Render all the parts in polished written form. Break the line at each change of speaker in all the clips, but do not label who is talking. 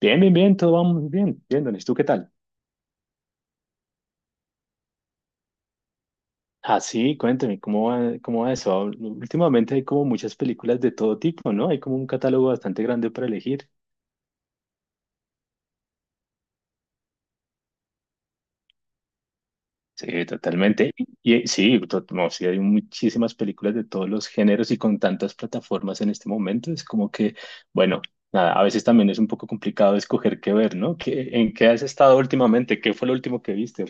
Bien, bien, bien, todo va muy bien. Bien, Donis, ¿tú qué tal? Ah, sí, cuéntame, ¿cómo va eso? Últimamente hay como muchas películas de todo tipo, ¿no? Hay como un catálogo bastante grande para elegir. Sí, totalmente. Y sí, no, sí, hay muchísimas películas de todos los géneros y con tantas plataformas en este momento. Es como que, bueno, nada, a veces también es un poco complicado escoger qué ver, ¿no? ¿En qué has estado últimamente? ¿Qué fue lo último que viste?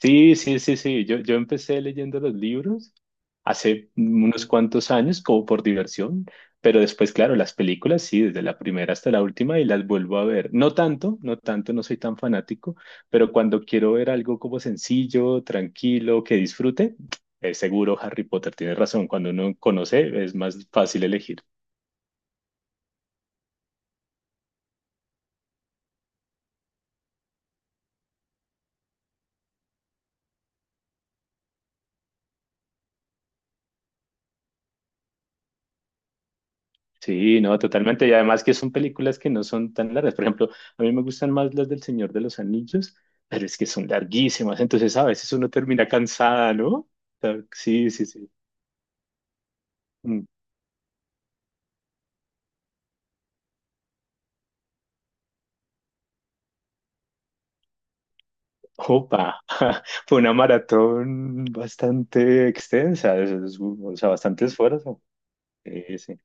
Sí, sí, sí, sí. Yo empecé leyendo los libros hace unos cuantos años como por diversión, pero después, claro, las películas, sí, desde la primera hasta la última y las vuelvo a ver. No tanto, no tanto, no soy tan fanático, pero cuando quiero ver algo como sencillo, tranquilo, que disfrute, seguro Harry Potter tiene razón. Cuando uno conoce, es más fácil elegir. Sí, no, totalmente. Y además que son películas que no son tan largas. Por ejemplo, a mí me gustan más las del Señor de los Anillos, pero es que son larguísimas. Entonces a veces uno termina cansada, ¿no? O sea, sí, sí, sí. Mm. Opa, fue una maratón bastante extensa, o sea, bastante esfuerzo. Sí, sí.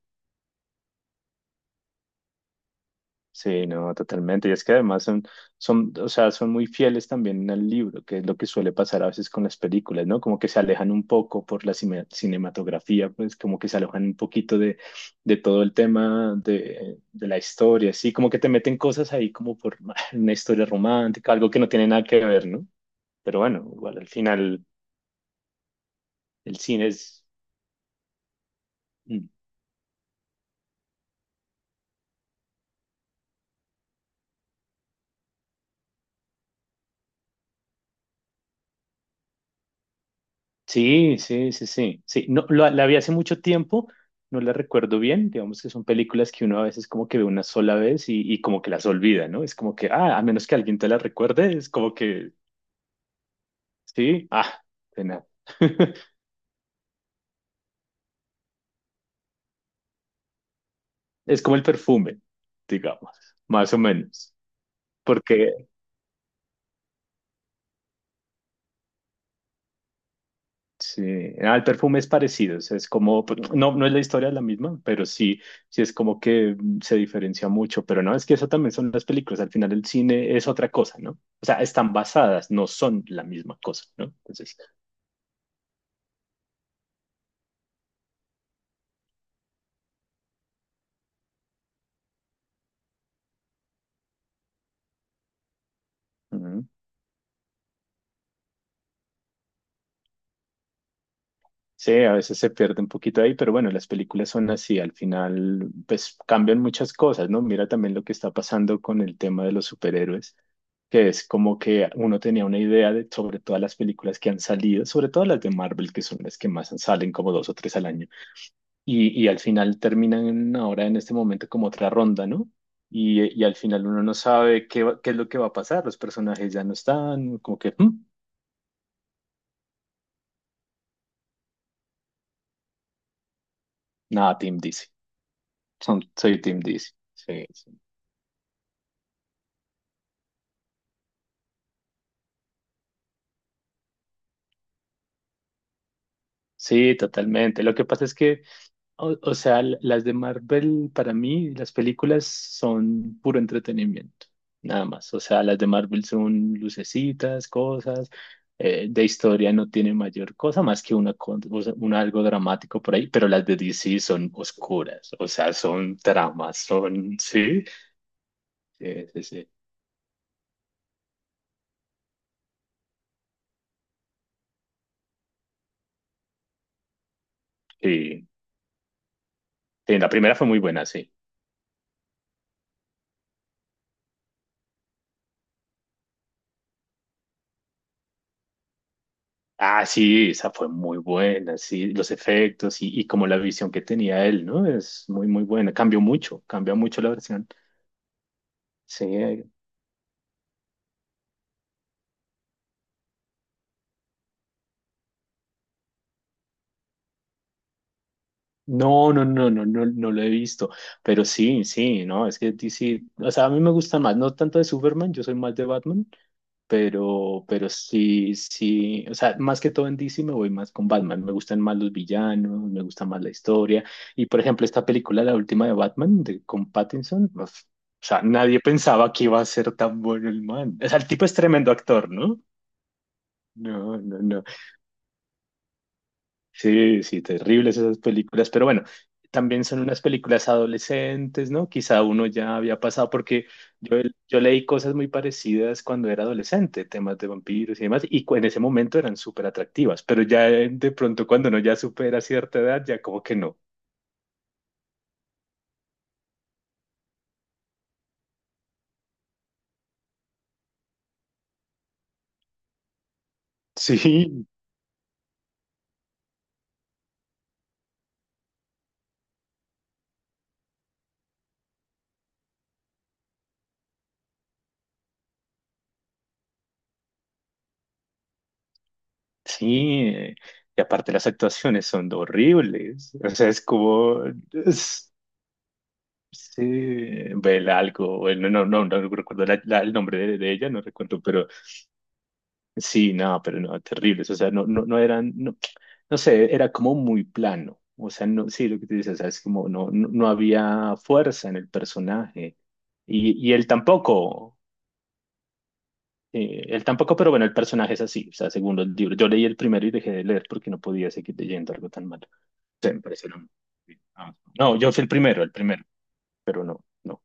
Sí, no, totalmente. Y es que además son, o sea, son muy fieles también al libro, que es lo que suele pasar a veces con las películas, ¿no? Como que se alejan un poco por la cinematografía, pues como que se alejan un poquito de todo el tema de la historia, sí, como que te meten cosas ahí como por una historia romántica, algo que no tiene nada que ver, ¿no? Pero bueno, igual al final el cine es mm, sí, sí, sí, sí, sí. No, la vi hace mucho tiempo, no la recuerdo bien. Digamos que son películas que uno a veces como que ve una sola vez y como que las olvida, ¿no? Es como que, ah, a menos que alguien te la recuerde, es como que sí, ah, de nada. Es como el perfume, digamos, más o menos. Porque sí, ah, el perfume es parecido, o sea, es como, pues, no, no es la historia la misma, pero sí, sí es como que se diferencia mucho, pero no, es que eso también son las películas, al final el cine es otra cosa, ¿no? O sea, están basadas, no son la misma cosa, ¿no? Entonces, sí, a veces se pierde un poquito ahí, pero bueno, las películas son así, al final pues cambian muchas cosas, ¿no? Mira también lo que está pasando con el tema de los superhéroes, que es como que uno tenía una idea de sobre todas las películas que han salido, sobre todo las de Marvel, que son las que más salen, como dos o tres al año, y al final terminan ahora en este momento como otra ronda, ¿no? Y al final uno no sabe qué es lo que va a pasar, los personajes ya no están, como que, nada, Team DC, soy Team DC. Sí, sí, totalmente. Lo que pasa es que, o sea, las de Marvel, para mí, las películas son puro entretenimiento, nada más. O sea, las de Marvel son lucecitas, cosas, de historia no tiene mayor cosa más que una, o sea, un algo dramático por ahí, pero las de DC son oscuras, o sea, son tramas, son, sí, sí, sí, sí. Sí, sí, la primera fue muy buena, sí. Ah, sí, esa fue muy buena, sí, los efectos y como la visión que tenía él, ¿no? Es muy, muy buena. Cambió mucho, cambia mucho la versión. Sí, no, no, no, no, no, no lo he visto, pero sí, sí, no, es que DC, o sea, a mí me gusta más, no tanto de Superman, yo soy más de Batman. Pero sí, sí, o sea, más que todo en DC me voy más con Batman. Me gustan más los villanos, me gusta más la historia. Y por ejemplo, esta película, la última de Batman, con Pattinson, uf, o sea, nadie pensaba que iba a ser tan bueno el man. O sea, el tipo es tremendo actor, ¿no? No, no, no. Sí, sí, terribles esas películas, pero bueno, también son unas películas adolescentes, ¿no? Quizá uno ya había pasado, porque yo, yo leí cosas muy parecidas cuando era adolescente, temas de vampiros y demás, y en ese momento eran súper atractivas, pero ya de pronto cuando uno ya supera cierta edad, ya como que no. Sí, sí, y aparte las actuaciones son horribles, o sea, es como es- Sí, Bella algo, bueno, no, no, no recuerdo el nombre de ella, no recuerdo, pero sí, no, pero no, terribles. O sea, no, no, no eran, no, no sé, era como muy plano. O sea, no, sí, lo que tú dices, o sea, es como no, no, no había fuerza en el personaje. Y él tampoco, pero bueno, el personaje es así. O sea, según los libros. Yo leí el primero y dejé de leer porque no podía seguir leyendo algo tan malo. O me pareció Ah, no, yo fui el primero, pero no, no.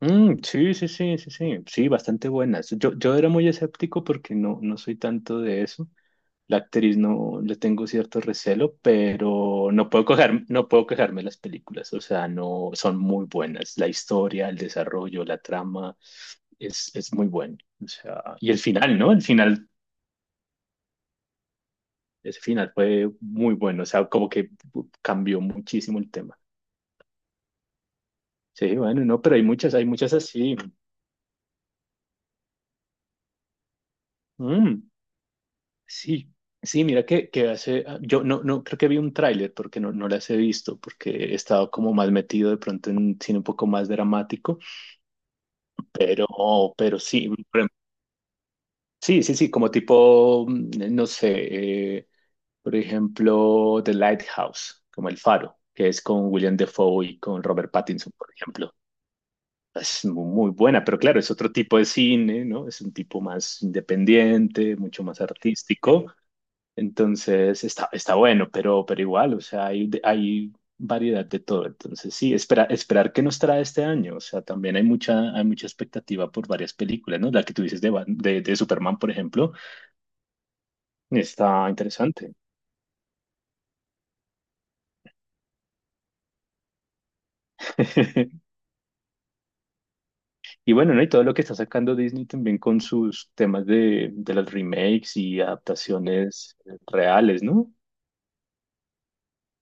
Mm, sí, sí, sí, sí, sí, sí, bastante buenas. Yo era muy escéptico porque no, no soy tanto de eso. La actriz no le tengo cierto recelo, pero no puedo coger, no puedo quejarme de las películas, o sea, no son muy buenas. La historia, el desarrollo, la trama es muy bueno. O sea, y el final, ¿no? El final, ese final fue muy bueno, o sea, como que cambió muchísimo el tema. Sí, bueno, no, pero hay muchas así. Mm, sí, sí, mira que hace, yo no, no creo que vi un tráiler porque no, no las he visto, porque he estado como más metido de pronto en un cine un poco más dramático. Pero, pero sí, por sí, sí, sí, como tipo, no sé, por ejemplo, The Lighthouse, como El Faro, que es con William Defoe y con Robert Pattinson, por ejemplo. Es muy buena, pero claro, es otro tipo de cine, ¿no? Es un tipo más independiente, mucho más artístico. Entonces está bueno, pero, igual, o sea, hay variedad de todo. Entonces sí, esperar qué nos trae este año. O sea, también hay mucha expectativa por varias películas, ¿no? La que tú dices de Superman, por ejemplo, está interesante. Y bueno, ¿no? Y todo lo que está sacando Disney también con sus temas de los remakes y adaptaciones reales, ¿no?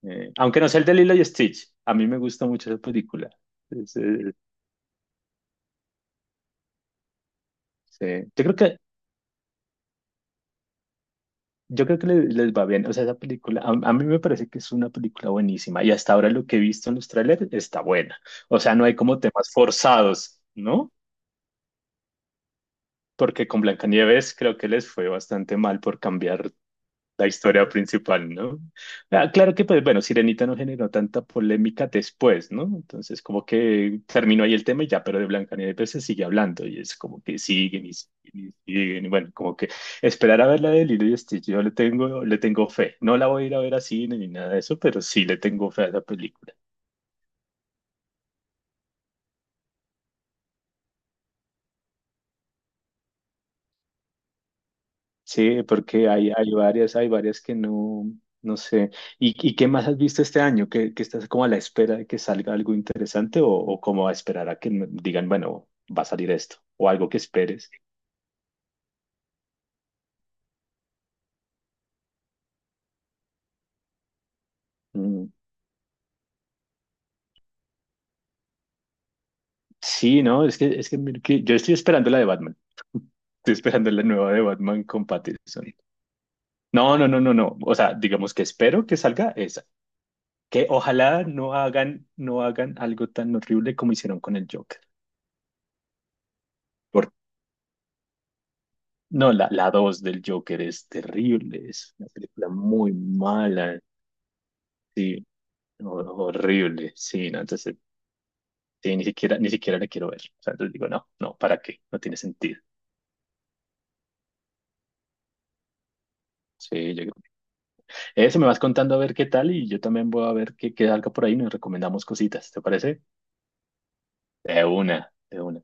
Aunque no sea el de Lilo y Stitch, a mí me gusta mucho esa película. Es, eh, sí. Yo creo que Yo creo que les va bien. O sea, esa película, a mí me parece que es una película buenísima y hasta ahora lo que he visto en los trailers está buena. O sea, no hay como temas forzados, ¿no? Porque con Blancanieves creo que les fue bastante mal por cambiar la historia principal, ¿no? Ah, claro que, pues, bueno, Sirenita no generó tanta polémica después, ¿no? Entonces, como que terminó ahí el tema y ya, pero de Blancanieves se sigue hablando y es como que siguen y siguen y siguen. Y bueno, como que esperar a ver la de Lilo y Stitch, yo le tengo fe. No la voy a ir a ver a cine ni nada de eso, pero sí le tengo fe a esa película. Sí, porque hay varias que no, no sé. ¿Y qué más has visto este año? ¿Que estás como a la espera de que salga algo interesante o como a esperar a que me digan, bueno, va a salir esto o algo que esperes? Mm. Sí, no, es que, mira que yo estoy esperando la de Batman. Estoy esperando la nueva de Batman con Pattinson. No, no, no, no, no. O sea, digamos que espero que salga esa. Que ojalá no hagan algo tan horrible como hicieron con el Joker. No, la 2 del Joker es terrible, es una película muy mala, sí, horrible, sí, no, entonces sí, ni siquiera la quiero ver. O sea, entonces digo, no, no, ¿para qué? No tiene sentido. Sí, yo creo. Eso me vas contando a ver qué tal y yo también voy a ver qué salga por ahí, nos recomendamos cositas, ¿te parece? De una, de una.